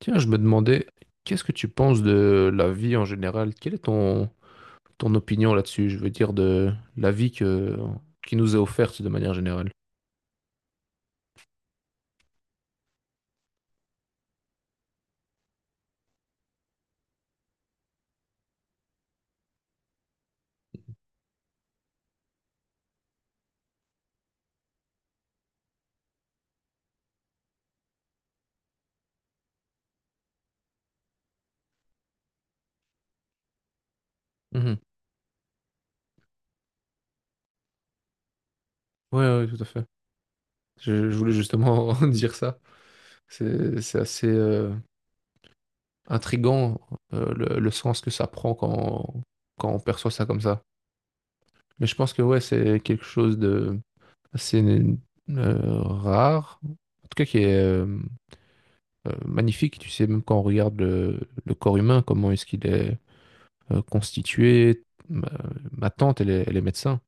Tiens, je me demandais, qu'est-ce que tu penses de la vie en général? Quelle est ton opinion là-dessus? Je veux dire de la vie qui nous est offerte de manière générale. Mhm. Ouais, ouais, tout à fait. Je voulais justement dire ça. C'est assez intriguant le sens que ça prend quand on perçoit ça comme ça. Mais je pense que ouais, c'est quelque chose de assez rare, en tout cas qui est magnifique. Tu sais, même quand on regarde le corps humain, comment est-ce qu'il est constitué. Ma, ma tante, elle est médecin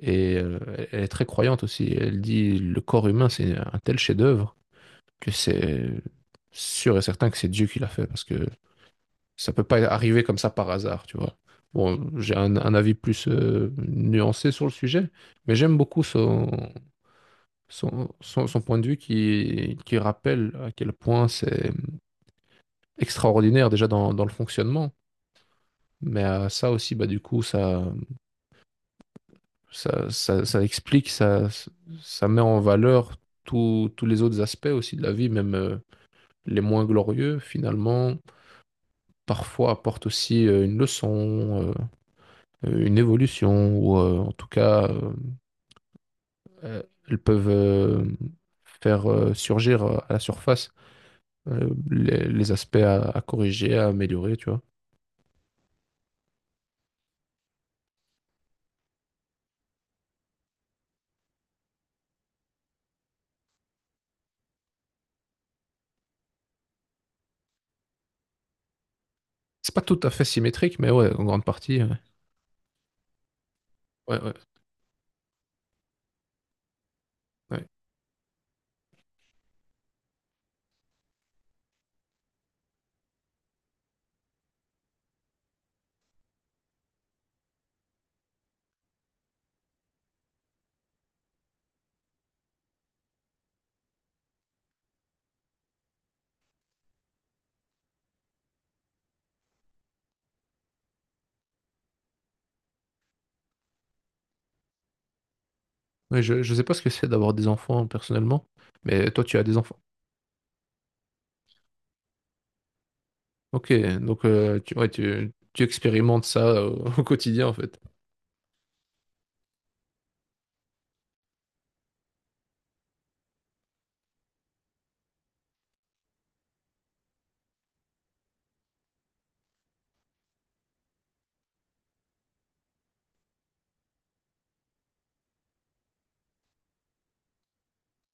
et elle est très croyante aussi. Elle dit le corps humain, c'est un tel chef-d'œuvre que c'est sûr et certain que c'est Dieu qui l'a fait parce que ça peut pas arriver comme ça par hasard, tu vois. Bon, j'ai un avis plus nuancé sur le sujet, mais j'aime beaucoup son point de vue qui rappelle à quel point c'est extraordinaire déjà dans le fonctionnement. Mais ça aussi, bah, du coup, ça explique, ça met en valeur tous les autres aspects aussi de la vie, même les moins glorieux, finalement, parfois apportent aussi une une évolution, ou en tout cas, euh, elles peuvent faire surgir à la surface les aspects à corriger, à améliorer, tu vois. C'est pas tout à fait symétrique, mais ouais, en grande partie. Ouais, ouais, ouais. Ouais. Ouais, je ne sais pas ce que c'est d'avoir des enfants personnellement, mais toi tu as des enfants. Ok, donc ouais, tu expérimentes ça au, au quotidien en fait.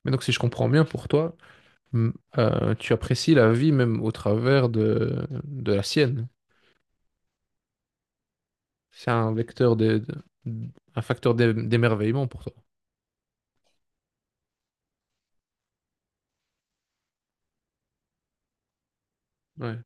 Mais donc si je comprends bien pour toi, mm, tu apprécies la vie même au travers de la sienne. C'est un vecteur un facteur d'émerveillement pour toi. Ouais.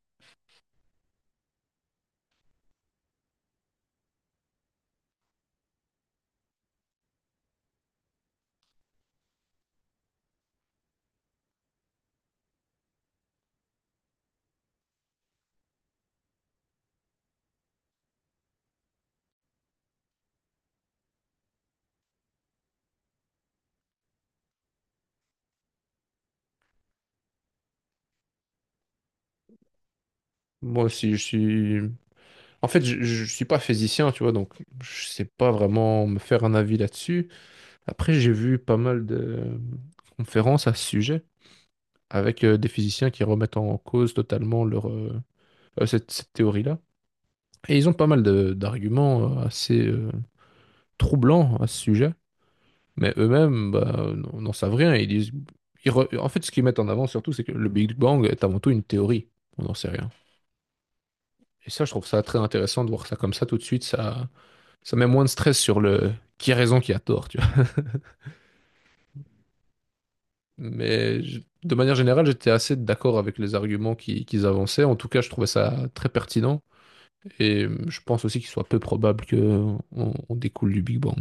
Moi aussi, je suis... En fait, je suis pas physicien, tu vois, donc je sais pas vraiment me faire un avis là-dessus. Après, j'ai vu pas mal de conférences à ce sujet, avec des physiciens qui remettent en cause totalement cette théorie-là. Et ils ont pas mal d'arguments assez troublants à ce sujet, mais eux-mêmes bah, n'en savent rien. Ils disent, en fait, ce qu'ils mettent en avant surtout, c'est que le Big Bang est avant tout une théorie. On n'en sait rien. Et ça, je trouve ça très intéressant de voir ça comme ça tout de suite. Ça met moins de stress sur le qui a raison, qui a tort, tu vois. Mais de manière générale, j'étais assez d'accord avec les arguments qu'ils avançaient. En tout cas, je trouvais ça très pertinent. Et je pense aussi qu'il soit peu probable qu'on on découle du Big Bang.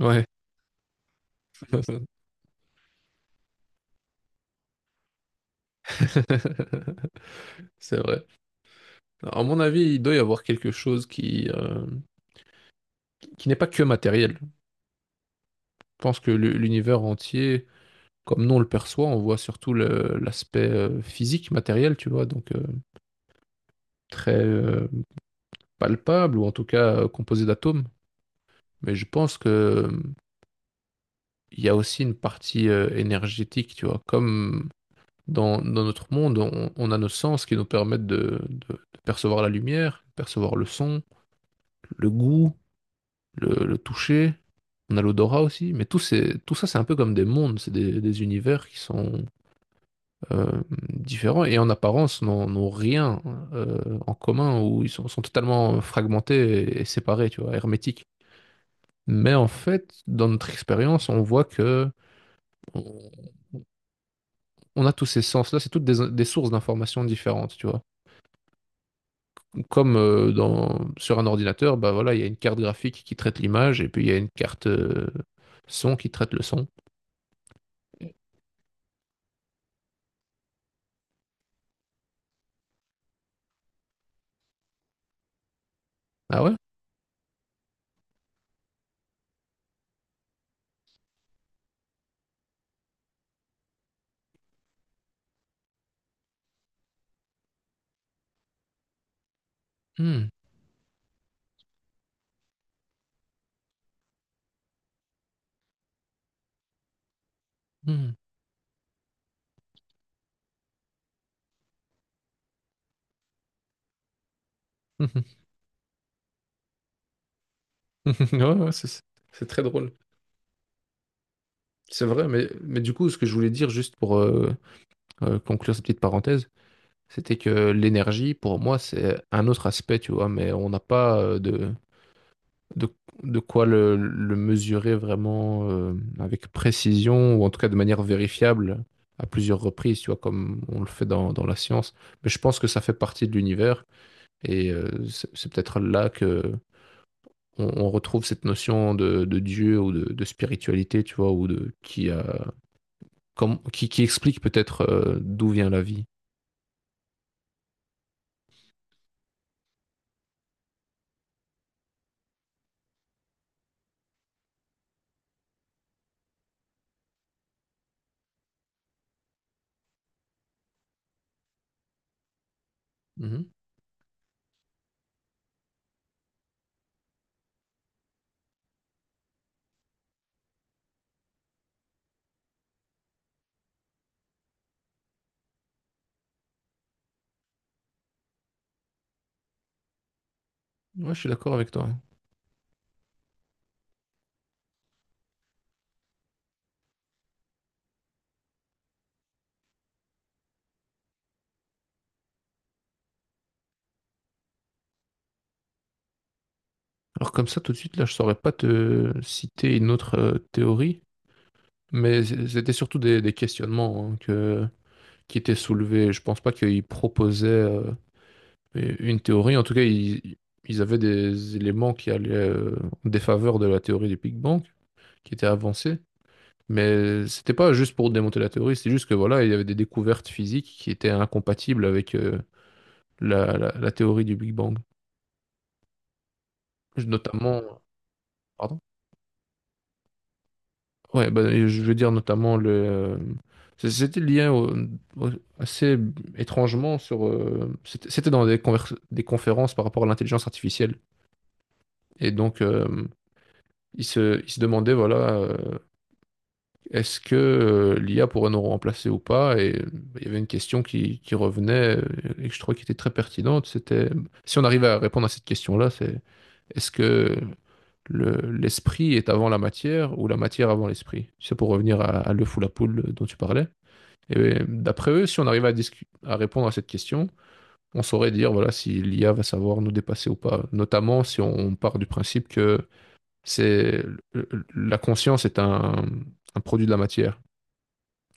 Ouais, c'est vrai. À mon avis, il doit y avoir quelque chose qui n'est pas que matériel. Je pense que l'univers entier, comme nous on le perçoit, on voit surtout l'aspect physique, matériel, tu vois, donc très palpable, ou en tout cas composé d'atomes. Mais je pense que il y a aussi une partie énergétique, tu vois, comme dans, notre monde, on a nos sens qui nous permettent de percevoir la lumière, percevoir le son, le goût, le toucher. On a l'odorat aussi, mais tout ça, c'est un peu comme des mondes, c'est des univers qui sont euh, différents et en apparence n'ont rien en commun, ou ils sont totalement fragmentés et séparés, tu vois, hermétiques. Mais en fait, dans notre expérience, on voit que on on a tous ces sens-là, c'est toutes des sources d'informations différentes, tu vois. Comme sur un ordinateur, bah voilà, il y a une carte graphique qui traite l'image et puis il y a une carte son qui traite le son. Ah ouais? Hmm, hmm. Hmm, hmm. Ouais, ouais, c'est très drôle. C'est vrai, mais du coup, ce que je voulais dire juste pour conclure cette petite parenthèse, c'était que l'énergie, pour moi, c'est un autre aspect, tu vois, mais on n'a pas de, de quoi le mesurer vraiment avec précision ou en tout cas de manière vérifiable à plusieurs reprises, tu vois, comme on le fait dans la science. Mais je pense que ça fait partie de l'univers et c'est peut-être là que on retrouve cette notion de Dieu ou de spiritualité, tu vois, ou de qui a, comme, qui explique peut-être d'où vient la vie. Mhm. Ouais, je suis d'accord avec toi. Alors comme ça, tout de suite, là, je saurais pas te citer une autre théorie. Mais c'était surtout des questionnements qui étaient soulevés. Je pense pas qu'ils proposaient une théorie. En tout cas, ils avaient des éléments qui allaient en défaveur de la théorie du Big Bang, qui étaient avancés. Mais c'était pas juste pour démonter la théorie, c'est juste que voilà, il y avait des découvertes physiques qui étaient incompatibles avec la théorie du Big Bang. Notamment, pardon? Ouais, bah, et je veux dire notamment c'était lié au- assez étrangement sur. C'était c'était des conférences par rapport à l'intelligence artificielle. Et donc, ils se demandaient, voilà, est-ce que l'IA pourrait nous remplacer ou pas? Et il y avait une question qui revenait et que je trouvais qui était très pertinente. C'était si on arrivait à répondre à cette question-là, c'est est-ce que le- l'esprit est avant la matière ou la matière avant l'esprit? C'est pour revenir à l'œuf ou la poule dont tu parlais. Et ben, d'après eux, si on arrivait à, à répondre à cette question, on saurait dire voilà si l'IA va savoir nous dépasser ou pas. Notamment si on part du principe que c'est la conscience est un produit de la matière.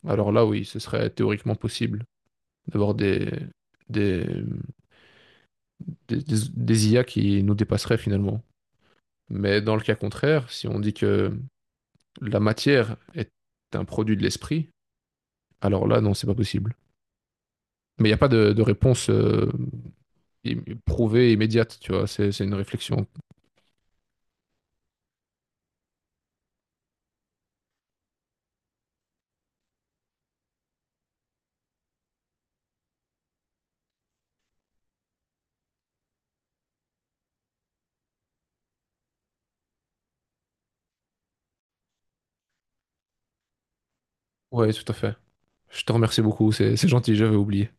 Alors là, oui, ce serait théoriquement possible d'avoir des, des IA qui nous dépasseraient finalement. Mais dans le cas contraire, si on dit que la matière est un produit de l'esprit, alors là, non, c'est pas possible. Mais il n'y a pas de réponse prouvée et immédiate, tu vois. C'est une réflexion. Ouais, tout à fait. Je te remercie beaucoup, c'est gentil, j'avais oublié.